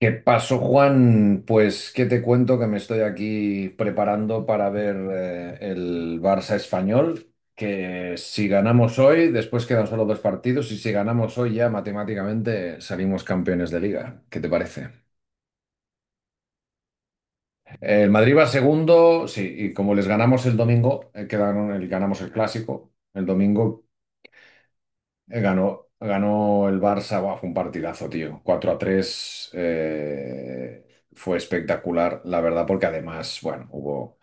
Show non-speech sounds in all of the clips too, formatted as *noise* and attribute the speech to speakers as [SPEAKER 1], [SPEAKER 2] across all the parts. [SPEAKER 1] ¿Qué pasó, Juan? Pues, ¿qué te cuento? Que me estoy aquí preparando para ver el Barça español, que si ganamos hoy, después quedan solo dos partidos, y si ganamos hoy ya matemáticamente salimos campeones de liga. ¿Qué te parece? El Madrid va segundo, sí, y como les ganamos el domingo, quedaron, ganamos el clásico, el domingo. Ganó el Barça. Buah, fue un partidazo, tío. 4-3, fue espectacular, la verdad, porque además, bueno,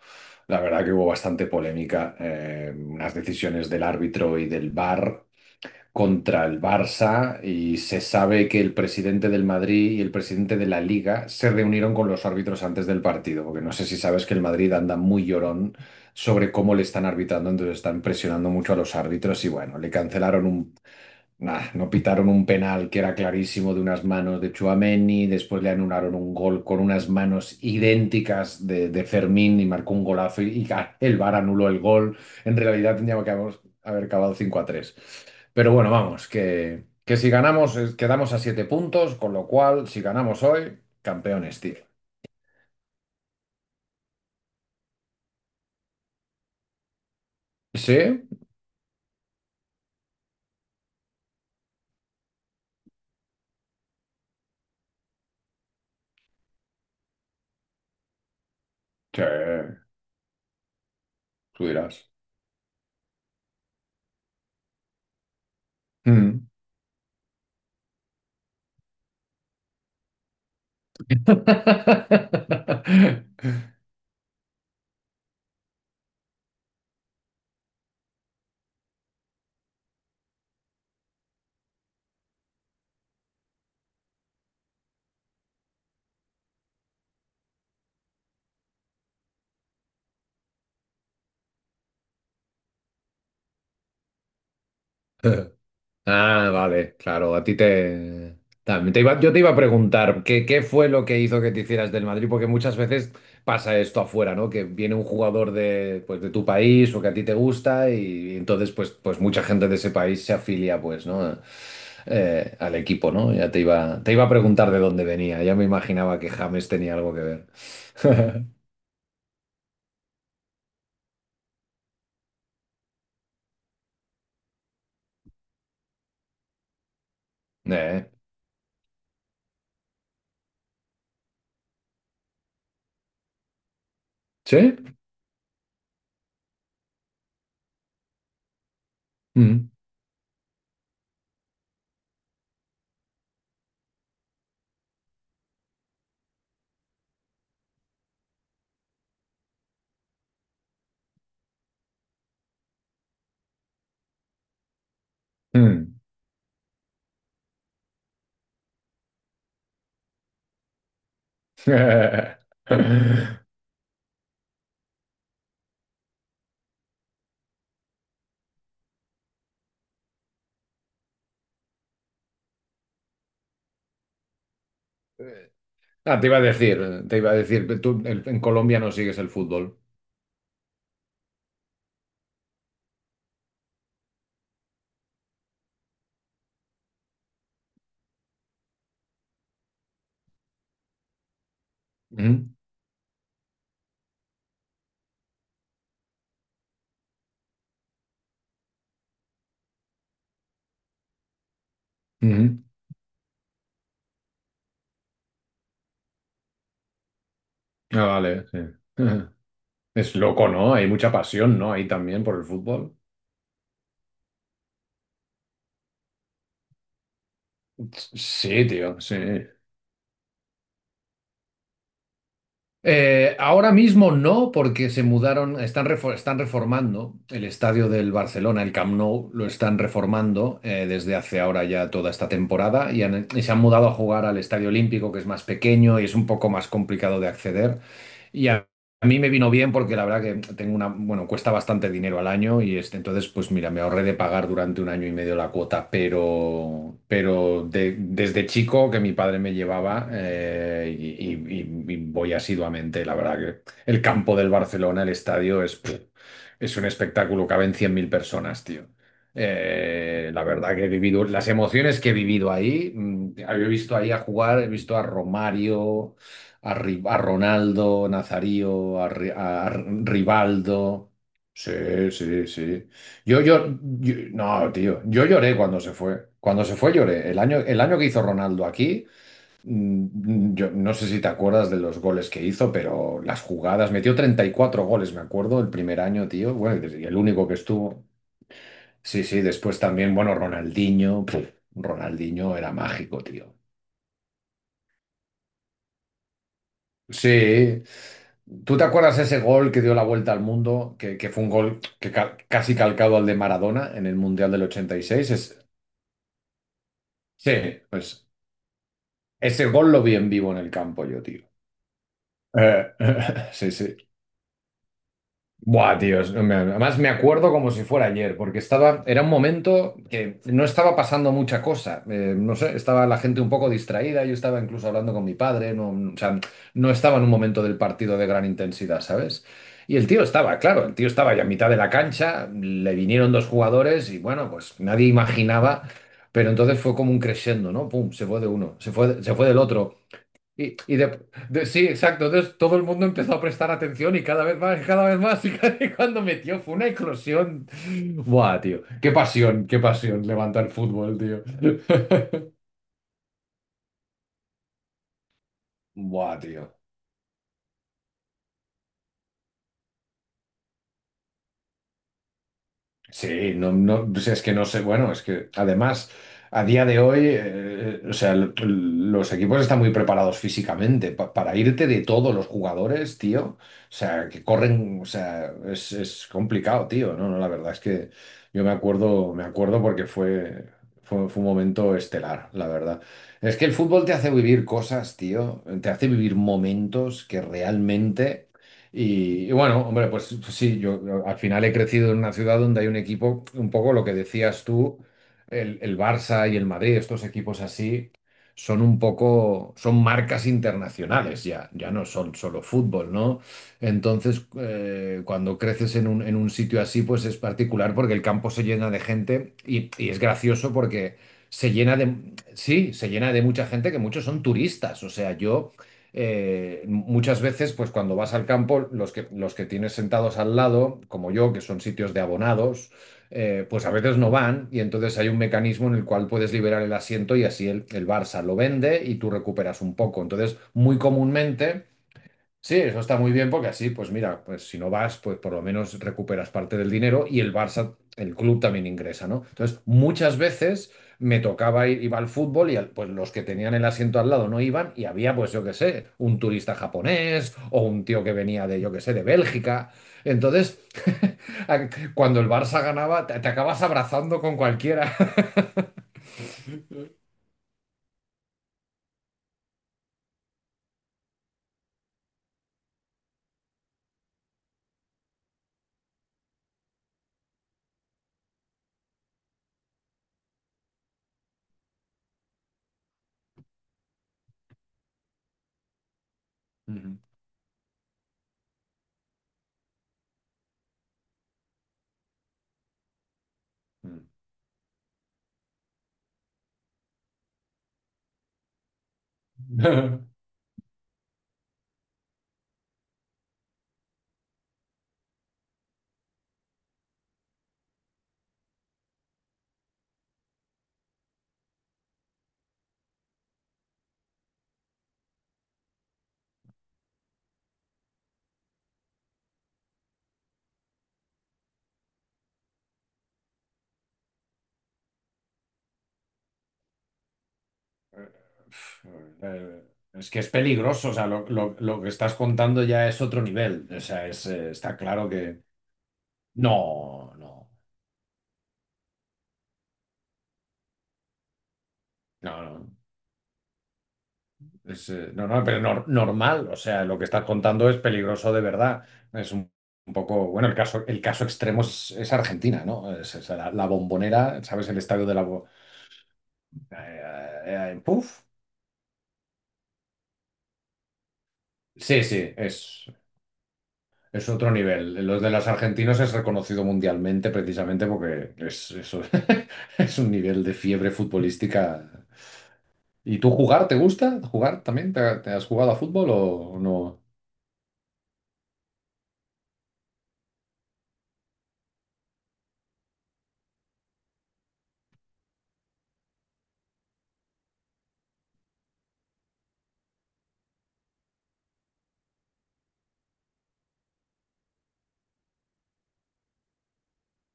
[SPEAKER 1] la verdad que hubo bastante polémica, unas decisiones del árbitro y del VAR contra el Barça, y se sabe que el presidente del Madrid y el presidente de la Liga se reunieron con los árbitros antes del partido, porque no sé si sabes que el Madrid anda muy llorón sobre cómo le están arbitrando. Entonces están presionando mucho a los árbitros y bueno, le cancelaron no pitaron un penal que era clarísimo de unas manos de Tchouaméni. Después le anularon un gol con unas manos idénticas de Fermín y marcó un golazo, y *laughs* el VAR anuló el gol. En realidad tendríamos que haber acabado 5-3. Pero bueno, vamos, que si ganamos quedamos a siete puntos, con lo cual si ganamos hoy, campeones, tío. ¿Sí? Sí, tú dirás. Mm. *laughs* Ah, vale, claro, a ti te... También yo te iba a preguntar, ¿qué fue lo que hizo que te hicieras del Madrid? Porque muchas veces pasa esto afuera, ¿no? Que viene un jugador de, pues, de tu país o que a ti te gusta y, entonces pues mucha gente de ese país se afilia, pues, ¿no? Al equipo, ¿no? Ya te iba a preguntar de dónde venía, ya me imaginaba que James tenía algo que ver. *laughs* Eh, ¿Sí? Mm, mm. *laughs* Ah, te iba a decir, tú en Colombia no sigues el fútbol. Ujú, ujú. Ah, vale, sí. *laughs* Es loco, ¿no? Hay mucha pasión, ¿no? Ahí también por el fútbol. Sí, tío, sí. Ahora mismo no, porque se mudaron, están reformando el estadio del Barcelona, el Camp Nou, lo están reformando desde hace ahora ya toda esta temporada, y se han mudado a jugar al Estadio Olímpico, que es más pequeño y es un poco más complicado de acceder. Y a mí me vino bien porque la verdad que tengo una, bueno, cuesta bastante dinero al año y entonces, pues mira, me ahorré de pagar durante un año y medio la cuota, pero, pero desde chico que mi padre me llevaba y, y voy asiduamente, la verdad que el campo del Barcelona, el estadio es un espectáculo. Caben 100.000 personas, tío. La verdad que he vivido, las emociones que he vivido ahí, he visto ahí a jugar, he visto a Romario, a Ronaldo Nazario, a Rivaldo. Sí, sí, sí. No, tío, yo lloré cuando se fue. Cuando se fue lloré. El año que hizo Ronaldo aquí, yo no sé si te acuerdas de los goles que hizo, pero las jugadas, metió 34 goles, me acuerdo, el primer año, tío. Bueno, y el único que estuvo. Sí, sí, después también, bueno, Ronaldinho era mágico, tío. Sí. ¿Tú te acuerdas ese gol que dio la vuelta al mundo? Que fue un gol casi calcado al de Maradona en el Mundial del 86. Sí, pues ese gol lo vi en vivo en el campo yo, tío. Eh, *laughs* sí, sí. Buah, tío, además me acuerdo como si fuera ayer, porque era un momento que no estaba pasando mucha cosa. No sé, estaba la gente un poco distraída, yo estaba incluso hablando con mi padre, no, o sea, no estaba en un momento del partido de gran intensidad, ¿sabes? Y el tío estaba, claro, el tío estaba ya a mitad de la cancha, le vinieron dos jugadores y bueno, pues nadie imaginaba, pero entonces fue como un crescendo, ¿no? Pum, se fue de uno, se fue del otro. Y, y de, sí, exacto. Entonces todo el mundo empezó a prestar atención y cada vez más, y cada vez más. Y, *laughs* y cuando metió fue una eclosión. Buah, tío. Qué pasión levanta el fútbol, tío. *laughs* Buah, tío. Sí, no, no, o sea, es que no sé, bueno, es que además a día de hoy, o sea, los equipos están muy preparados físicamente para irte de todos los jugadores, tío, o sea, que corren, o sea, es complicado, tío, no, no, la verdad es que yo me acuerdo, porque fue un momento estelar, la verdad. Es que el fútbol te hace vivir cosas, tío, te hace vivir momentos que realmente... Y bueno, hombre, pues, sí, yo al final he crecido en una ciudad donde hay un equipo, un poco lo que decías tú, el Barça y el Madrid. Estos equipos así, son un poco, son marcas internacionales ya, ya no son solo fútbol, ¿no? Entonces, cuando creces en un sitio así, pues es particular porque el campo se llena de gente y es gracioso porque se llena de, sí, se llena de mucha gente, que muchos son turistas, o sea, yo muchas veces, pues cuando vas al campo, los que tienes sentados al lado, como yo, que son sitios de abonados, pues a veces no van y entonces hay un mecanismo en el cual puedes liberar el asiento y así el Barça lo vende y tú recuperas un poco. Entonces, muy comúnmente... Sí, eso está muy bien porque así, pues mira, pues si no vas, pues por lo menos recuperas parte del dinero y el Barça, el club también ingresa, ¿no? Entonces, muchas veces me tocaba ir, iba al fútbol y pues los que tenían el asiento al lado no iban y había, pues yo qué sé, un turista japonés o un tío que venía de, yo qué sé, de Bélgica. Entonces, *laughs* a- cuando el Barça ganaba, te acabas abrazando con cualquiera. *laughs* Ujú. Mm. *laughs* Eh, es que es peligroso, o sea, lo que estás contando ya es otro nivel, o sea, está claro que... No, no, no, no, no, no, pero normal, o sea, lo que estás contando es peligroso de verdad, es un, bueno, el caso extremo es Argentina, ¿no? Es la, la Bombonera, ¿sabes? El estadio de la... Bo- eh, puf. Sí, sí, Es otro nivel. Los de los argentinos es reconocido mundialmente precisamente porque eso *laughs* es un nivel de fiebre futbolística. ¿Y tú jugar te gusta? ¿Jugar también? ¿Te has jugado a fútbol o no?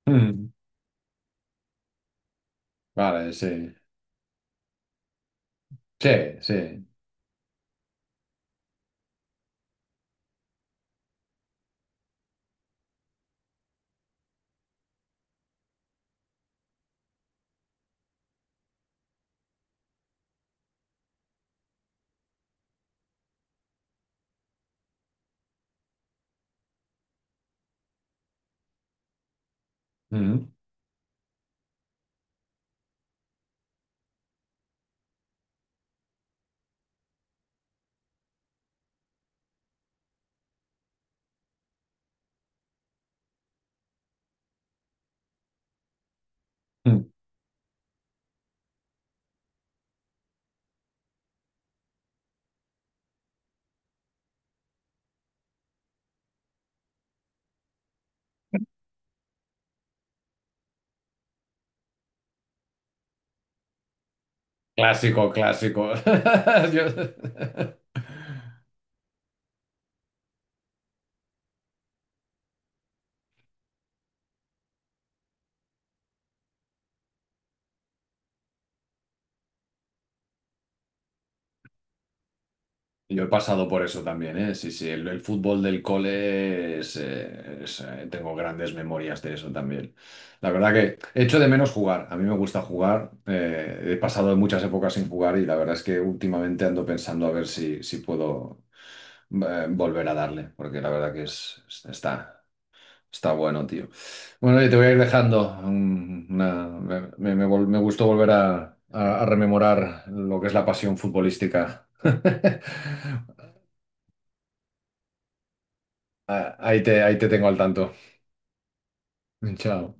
[SPEAKER 1] Mm, Vale, sí. Sí, sí. Mm, mm. Clásico, clásico. *laughs* Yo- Yo he pasado por eso también, ¿eh? Sí, sí, el fútbol del cole tengo grandes memorias de eso también. La verdad que echo de menos jugar, a mí me gusta jugar, he pasado muchas épocas sin jugar y la verdad es que últimamente ando pensando a ver si, puedo volver a darle, porque la verdad que está bueno, tío. Bueno, y te voy a ir dejando. Me gustó volver a, a rememorar lo que es la pasión futbolística. *laughs* Ah, ahí te tengo al tanto. Chao.